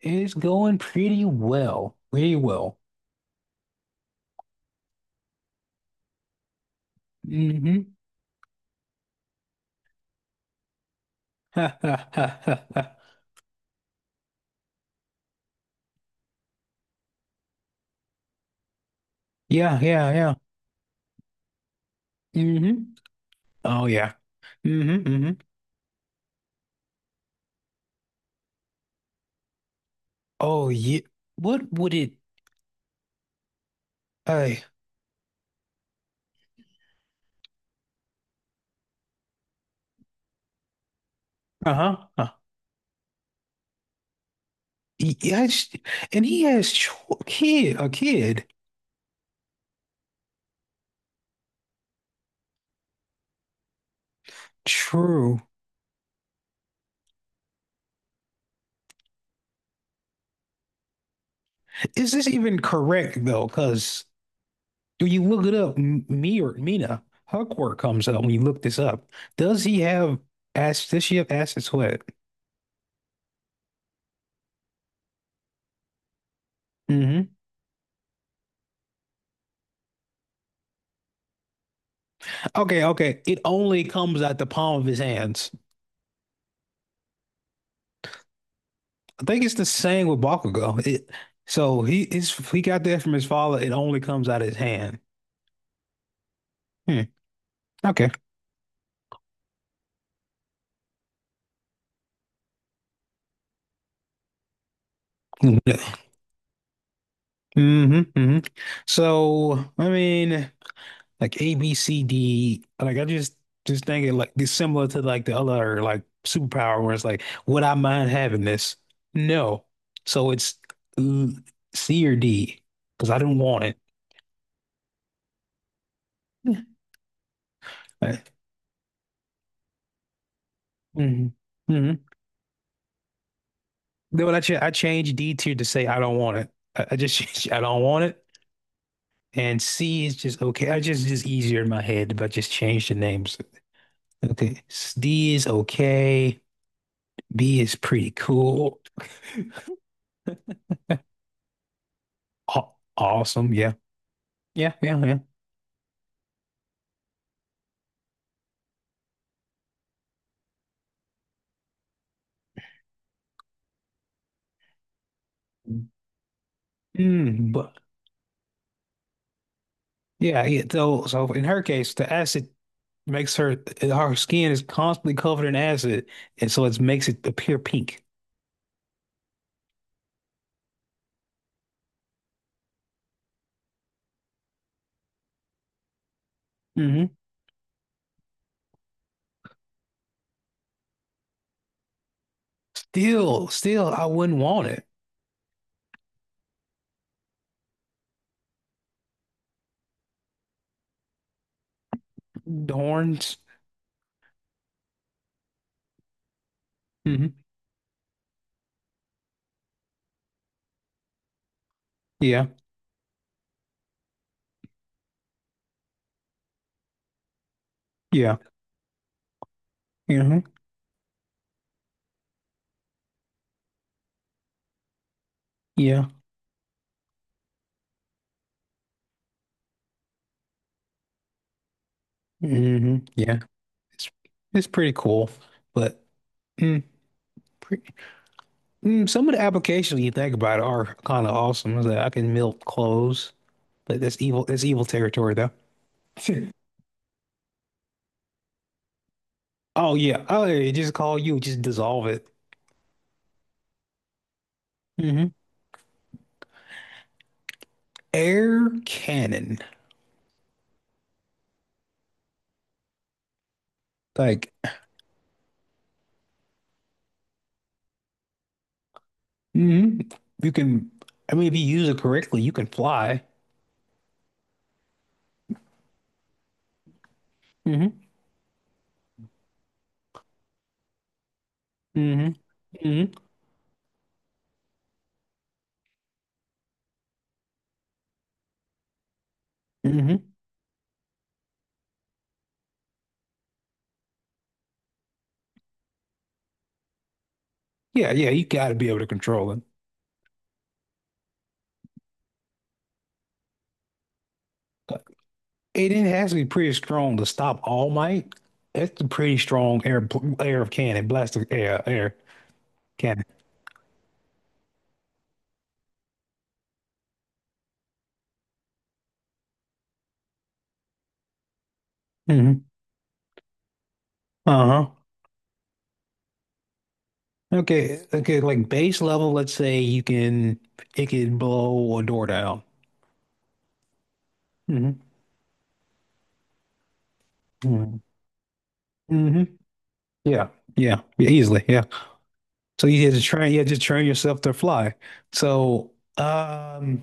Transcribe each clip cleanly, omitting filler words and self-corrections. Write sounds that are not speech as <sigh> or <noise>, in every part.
It's going pretty well. Pretty well. Hmm. <laughs> Yeah, yeah, yeah. Hmm. Oh yeah. Hmm. Hmm. Oh yeah. What would it I Uh-huh. Yes. And he has cho kid a kid. True. Is this even correct though? Because when you look it up, me or Mina Huckworth comes up when you look this up. Does he have does she have acid sweat? Mm-hmm. Okay, okay. It only comes out the palm of his hands. I think it's the same with Bakugo. So he got that from his father. It only comes out of his hand. Hmm. Okay. Mm-hmm. Hmm. So I mean, like A, B, C, D. Like I just thinking like it's similar to like the other like superpower where it's like, would I mind having this? No. So it's uh, C or D because I didn't want it. Mm-hmm. Mm-hmm. Then when I changed D tier to say I don't want it. I just <laughs> I don't want it. And C is just okay. I just easier in my head, but just change the names. Okay. D is okay. B is pretty cool. <laughs> Aw- Awesome. Yeah. Yeah. Yeah. Yeah. Mm, but yeah, yeah. So in her case, the acid makes her skin is constantly covered in acid, and so it makes it appear pink. Hmm. Still, I wouldn't want it. The horns. Yeah, yeah, hmm, yeah, hmm, yeah. It's it's pretty cool, but mm, pre some of the applications you think about are kind of awesome. Is that I can melt clothes, but that's evil. That's evil territory, though. <laughs> Oh yeah, oh yeah, just call you, just dissolve it. Hmm. Air cannon, like, hmm you can. I mean, if you use it correctly, you can fly. Hmm. Hmm. Hmm. Hmm. Yeah, yeah, you got to be able to control it. It didn't have to be pretty strong to stop All Might. That's a pretty strong air of cannon, blast of air cannon. Hmm. Uh-huh. Okay, okay, like base level, let's say you can it can blow a door down. Hmm. Hmm. Hmm. Yeah, yeah, yeah, easily, yeah. So you had to train yourself to fly. So, um,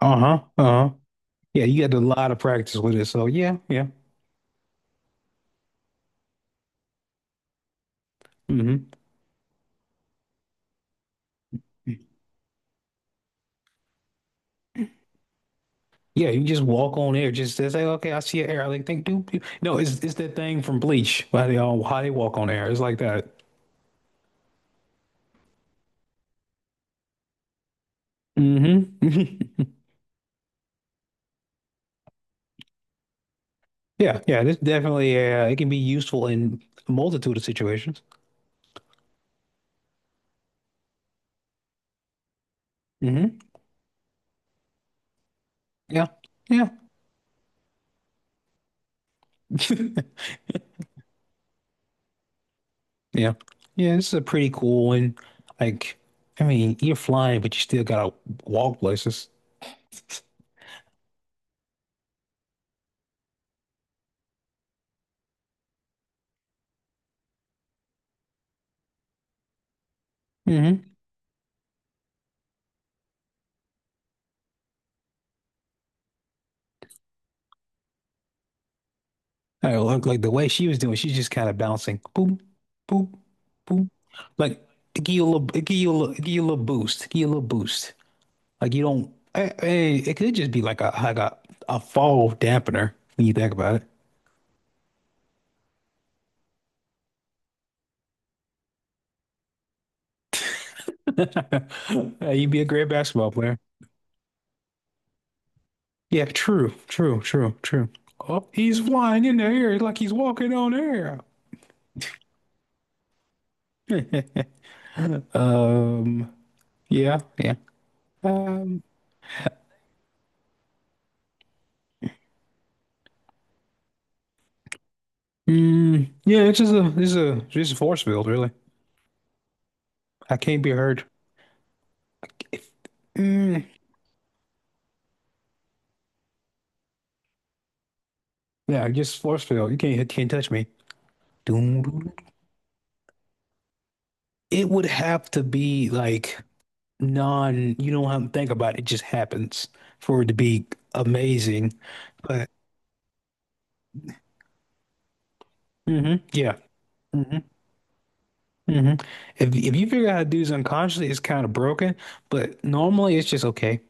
uh-huh, uh-huh. Yeah, you got a lot of practice with it. So yeah, yeah. Hmm. Yeah, you just walk on air. Just to say, okay, I see an air. I like think, do do." no, it's that thing from Bleach. Why they all How they walk on air. It's like that. Hmm. <laughs> Yeah, yeah. This definitely it can be useful in a multitude of situations. Hmm. Yeah, yeah, <laughs> yeah, yeah. This is a pretty cool one. Like, I mean, you're flying, but you still gotta walk places. Hmm. I look like the way she was doing, she's just kind of bouncing, boom, boom, boom. Like it give you a little boost. Like you don't, it could just be like a fall dampener when you think about it. <laughs> You'd be a great basketball player. Yeah, true, true, true, true. Oh, he's flying in the air like he's walking on air. <laughs> Um, yeah, yeah. Um, yeah, it's just a, it's a, it's a force field, really. I can't be hurt. Mm. Yeah, just force field. You can't hit, can't touch me. It would have to be like non. You don't have to think about it. It just happens for it to be amazing. But yeah. Hmm. Hmm. If you figure out how to do this unconsciously, it's kind of broken. But normally, it's just okay.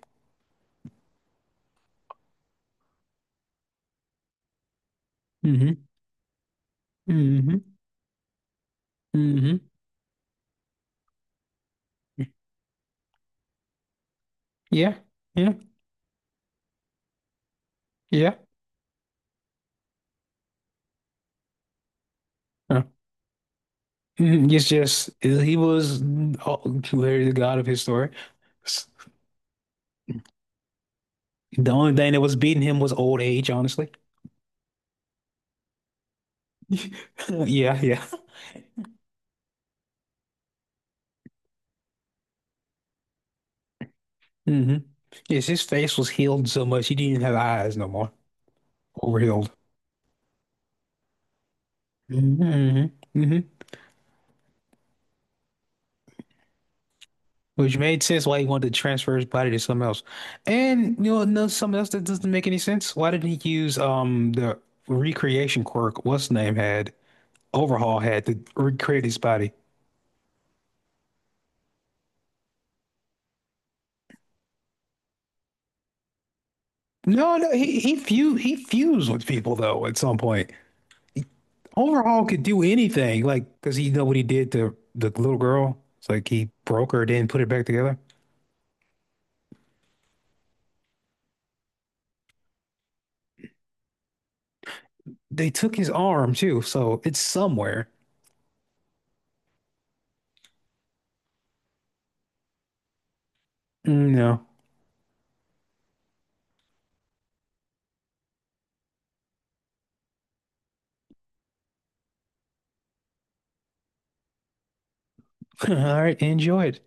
Hmm. Hmm. Hmm. Yeah. Yeah. Yeah. Uh, mhm. It's just he was, oh, clearly the god of his story. The only thing that was beating him was old age, honestly. <laughs> Yeah, yeah. Hmm. Yes, his face was healed so much he didn't even have eyes no more. Overhealed. Hmm. Hmm. Which made sense why he wanted to transfer his body to something else. And no, something else that doesn't make any sense. Why didn't he use the recreation quirk? What's name had Overhaul had to recreate his body. No, no, he fused with people though at some point. Overhaul could do anything, like, does he know what he did to the little girl? It's like he broke her, then put it back together. They took his arm too, so it's somewhere. Mm, no. <laughs> All right, enjoy it.